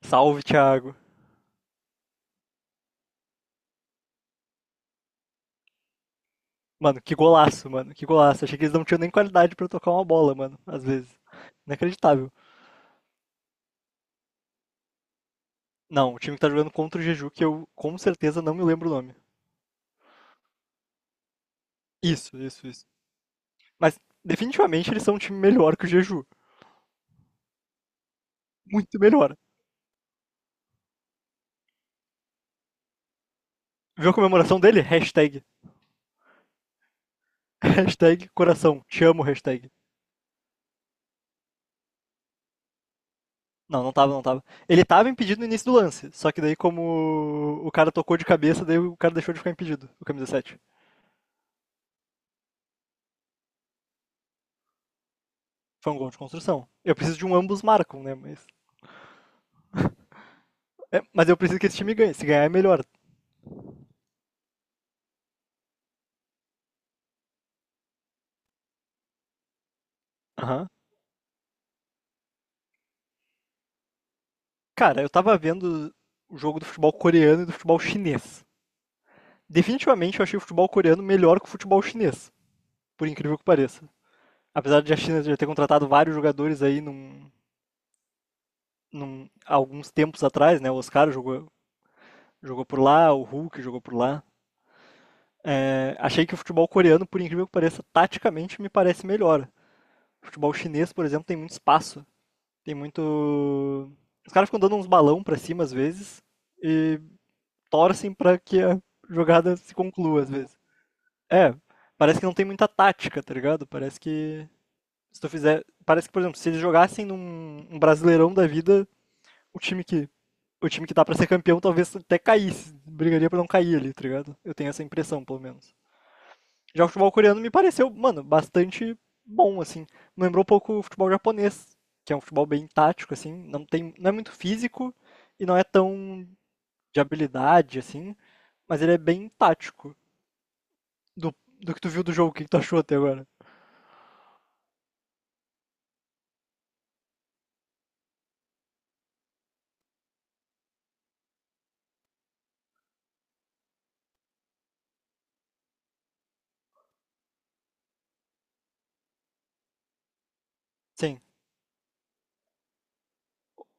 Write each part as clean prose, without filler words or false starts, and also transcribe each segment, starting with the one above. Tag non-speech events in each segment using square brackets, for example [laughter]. Salve, Thiago. Mano, que golaço, mano. Que golaço. Achei que eles não tinham nem qualidade pra tocar uma bola, mano. Às vezes. Inacreditável. Não, o time que tá jogando contra o Jeju, que eu com certeza não me lembro o nome. Isso, isso, isso. Mas, definitivamente, eles são um time melhor que o Jeju. Muito melhor. Viu a comemoração dele? Hashtag. [laughs] Hashtag coração. Te amo, hashtag. Não, não tava, não tava. Ele tava impedido no início do lance. Só que daí, como o cara tocou de cabeça, daí o cara deixou de ficar impedido, o camisa 7. Foi um gol de construção. Eu preciso de um ambos marcam, né? Mas, é, mas eu preciso que esse time ganhe. Se ganhar é melhor. Aham. Cara, eu tava vendo o jogo do futebol coreano e do futebol chinês. Definitivamente eu achei o futebol coreano melhor que o futebol chinês, por incrível que pareça. Apesar de a China já ter contratado vários jogadores aí há alguns tempos atrás, né? O Oscar jogou por lá, o Hulk jogou por lá. É, achei que o futebol coreano, por incrível que pareça, taticamente me parece melhor. O futebol chinês, por exemplo, tem muito espaço. Tem muito. Os caras ficam dando uns balão pra cima às vezes. E torcem para que a jogada se conclua às vezes. É, parece que não tem muita tática, tá ligado? Parece que se tu fizer, parece que, por exemplo, se eles jogassem num Brasileirão da vida, o time que o time que dá para ser campeão talvez até caísse, brigaria para não cair ali, tá ligado? Eu tenho essa impressão, pelo menos. Já o futebol coreano me pareceu, mano, bastante bom assim. Me lembrou um pouco o futebol japonês, que é um futebol bem tático assim, não tem, não é muito físico e não é tão de habilidade assim, mas ele é bem tático. do, do que tu viu do jogo, o que, que tu achou até agora? Sim.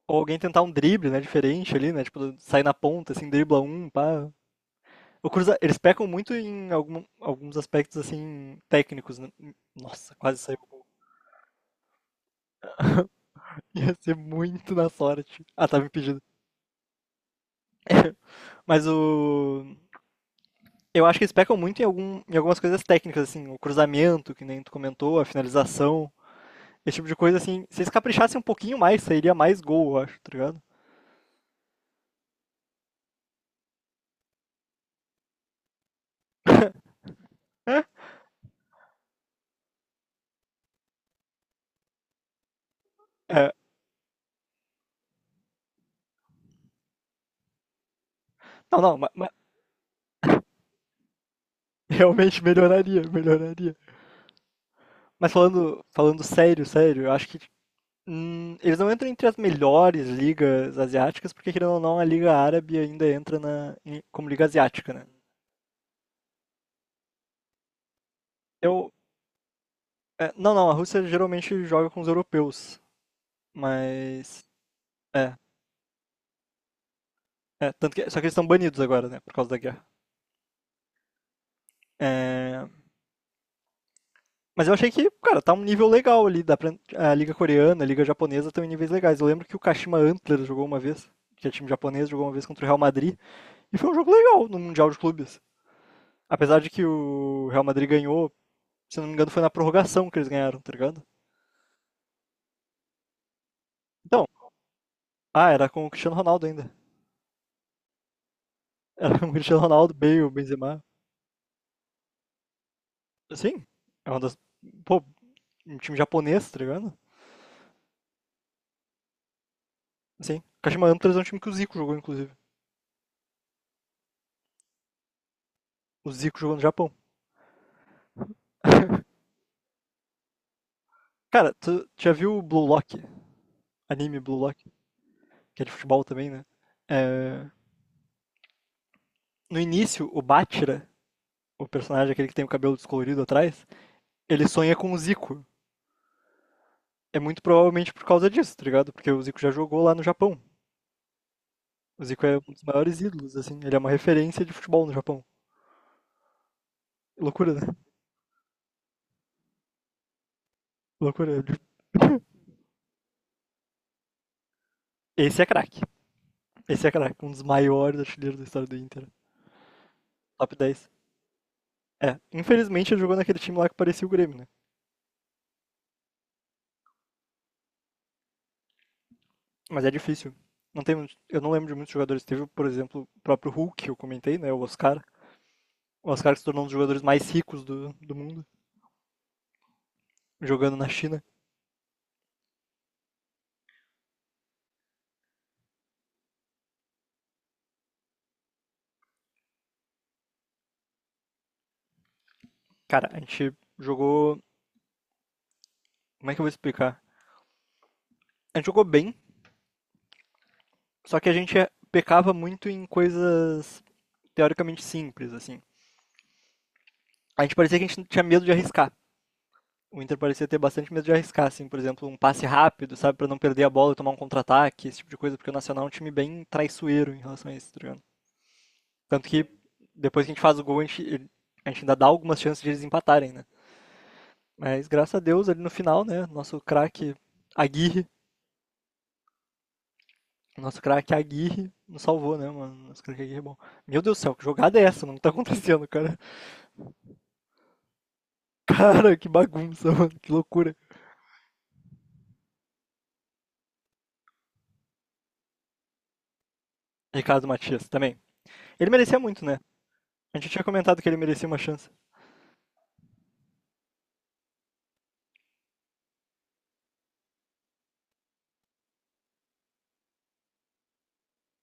Ou alguém tentar um drible, né, diferente ali, né? Tipo, sair na ponta, assim, dribla um, pá. O Cruz, eles pecam muito em alguns aspectos, assim, técnicos, né? Nossa, quase saiu o gol. [laughs] Ia ser muito na sorte. Ah, tava impedido. Mas o... Eu acho que eles pecam muito em algumas coisas técnicas, assim, o cruzamento, que nem tu comentou, a finalização, esse tipo de coisa, assim. Se eles caprichassem um pouquinho mais, sairia mais gol, eu acho, tá ligado? É, não, não, mas, [laughs] realmente melhoraria, melhoraria. Mas falando sério, sério, eu acho que, eles não entram entre as melhores ligas asiáticas, porque querendo ou não, a Liga Árabe ainda entra como Liga Asiática, né? Eu, é, não, não, a Rússia geralmente joga com os europeus, mas. É, é, tanto que só que eles estão banidos agora, né, por causa da guerra. É, mas eu achei que, cara, tá um nível legal ali, dá pra, a Liga Coreana, a Liga Japonesa estão em níveis legais. Eu lembro que o Kashima Antlers jogou uma vez, que é time japonês, jogou uma vez contra o Real Madrid, e foi um jogo legal no Mundial de Clubes. Apesar de que o Real Madrid ganhou, se não me engano, foi na prorrogação que eles ganharam, tá ligado? Então, ah, era com o Cristiano Ronaldo ainda. [laughs] Era com o Cristiano Ronaldo, Bale, Benzema. Sim, é uma das. Pô, um time japonês, tá ligado? Sim. O Kashima Antlers é um time que o Zico jogou, inclusive. O Zico jogou no Japão. [laughs] Cara, tu já viu o Blue Lock? Anime Blue Lock, que é de futebol também, né? É, no início, o Bátira, o personagem aquele que tem o cabelo descolorido atrás, ele sonha com o Zico. É muito provavelmente por causa disso, tá ligado? Porque o Zico já jogou lá no Japão. O Zico é um dos maiores ídolos, assim. Ele é uma referência de futebol no Japão. Loucura, né? Loucura. Esse é craque. Esse é craque. Um dos maiores artilheiros da história do Inter. Top 10. É. Infelizmente ele jogou naquele time lá que parecia o Grêmio, né? Mas é difícil. Eu não lembro de muitos jogadores. Teve, por exemplo, o próprio Hulk, que eu comentei, né? O Oscar. O Oscar que se tornou um dos jogadores mais ricos do mundo, jogando na China. Cara, a gente jogou. Como é que eu vou explicar? A gente jogou bem. Só que a gente pecava muito em coisas teoricamente simples, assim. A gente parecia que a gente tinha medo de arriscar. O Inter parecia ter bastante medo de arriscar, assim, por exemplo, um passe rápido, sabe, para não perder a bola e tomar um contra-ataque, esse tipo de coisa, porque o Nacional é um time bem traiçoeiro em relação a isso, tá ligado? Tanto que depois que a gente faz o gol, a gente ainda dá algumas chances de eles empatarem, né? Mas graças a Deus, ali no final, né, Aguirre, nosso craque Aguirre nos salvou, né, mano? Nosso craque Aguirre é bom. Meu Deus do céu, que jogada é essa, mano? O que tá acontecendo, cara? Cara, que bagunça, mano. Que loucura. Ricardo Matias também. Ele merecia muito, né? A gente tinha comentado que ele merecia uma chance.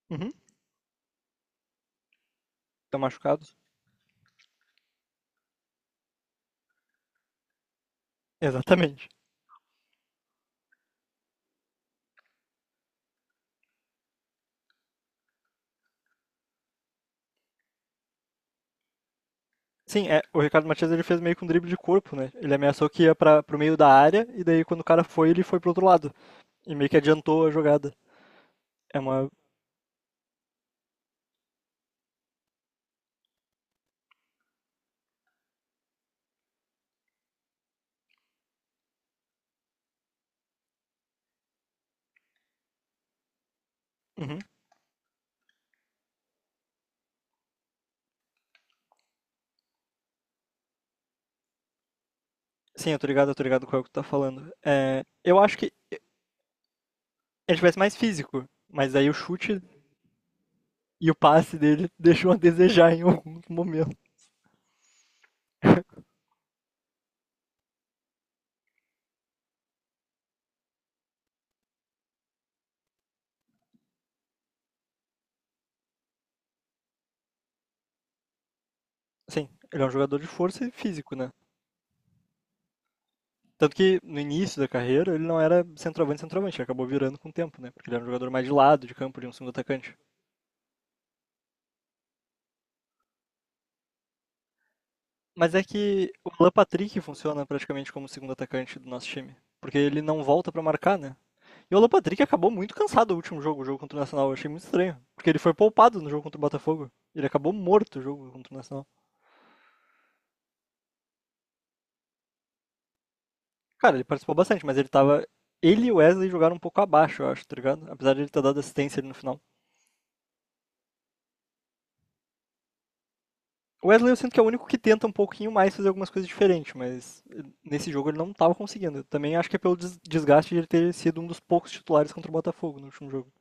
Uhum. Tá machucado? Exatamente. Sim, é, o Ricardo Matias ele fez meio que um drible de corpo, né? Ele ameaçou que ia para pro meio da área e daí quando o cara foi, ele foi pro outro lado. E meio que adiantou a jogada. É uma. Uhum. Sim, eu tô ligado com o que tu tá falando. É, eu acho que ele tivesse mais físico, mas aí o chute e o passe dele [laughs] deixou a desejar em algum momento. [laughs] Sim, ele é um jogador de força e físico, né? Tanto que no início da carreira ele não era centroavante, centroavante, ele acabou virando com o tempo, né? Porque ele era um jogador mais de lado, de campo, de um segundo atacante. Mas é que o Alan Patrick funciona praticamente como segundo atacante do nosso time, porque ele não volta para marcar, né? E o Alan Patrick acabou muito cansado no último jogo, o jogo contra o Nacional. Eu achei muito estranho, porque ele foi poupado no jogo contra o Botafogo. Ele acabou morto no jogo contra o Nacional. Cara, ele participou bastante, mas ele e o Wesley jogaram um pouco abaixo, eu acho, tá ligado? Apesar de ele ter dado assistência ali no final. O Wesley eu sinto que é o único que tenta um pouquinho mais fazer algumas coisas diferentes, mas nesse jogo ele não estava conseguindo. Eu também acho que é pelo desgaste de ele ter sido um dos poucos titulares contra o Botafogo no último jogo.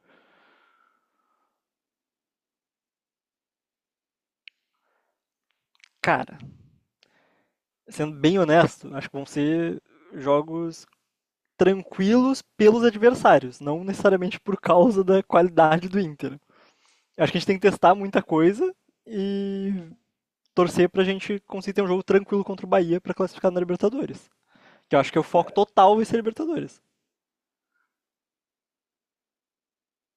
Cara, sendo bem honesto, acho que vão ser jogos tranquilos pelos adversários, não necessariamente por causa da qualidade do Inter. Acho que a gente tem que testar muita coisa e torcer pra gente conseguir ter um jogo tranquilo contra o Bahia pra classificar na Libertadores. Que eu acho que é o foco total vai ser Libertadores.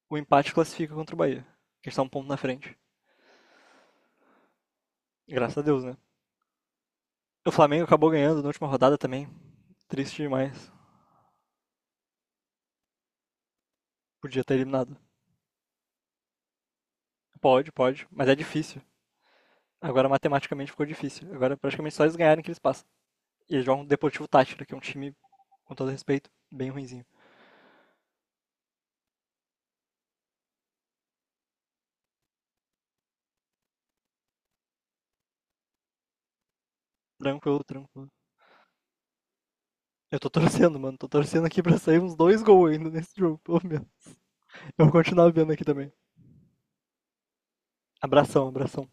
O empate classifica contra o Bahia, que está um ponto na frente. Graças a Deus, né? O Flamengo acabou ganhando na última rodada também. Triste demais. Podia ter eliminado. Pode, pode, mas é difícil. Agora matematicamente ficou difícil. Agora praticamente só eles ganharem que eles passam. E eles jogam o Deportivo Tátira, que é um time, com todo respeito, bem ruinzinho. Tranquilo, tranquilo. Eu tô torcendo, mano. Tô torcendo aqui pra sair uns dois gols ainda nesse jogo, pelo menos. Eu vou continuar vendo aqui também. Abração, abração.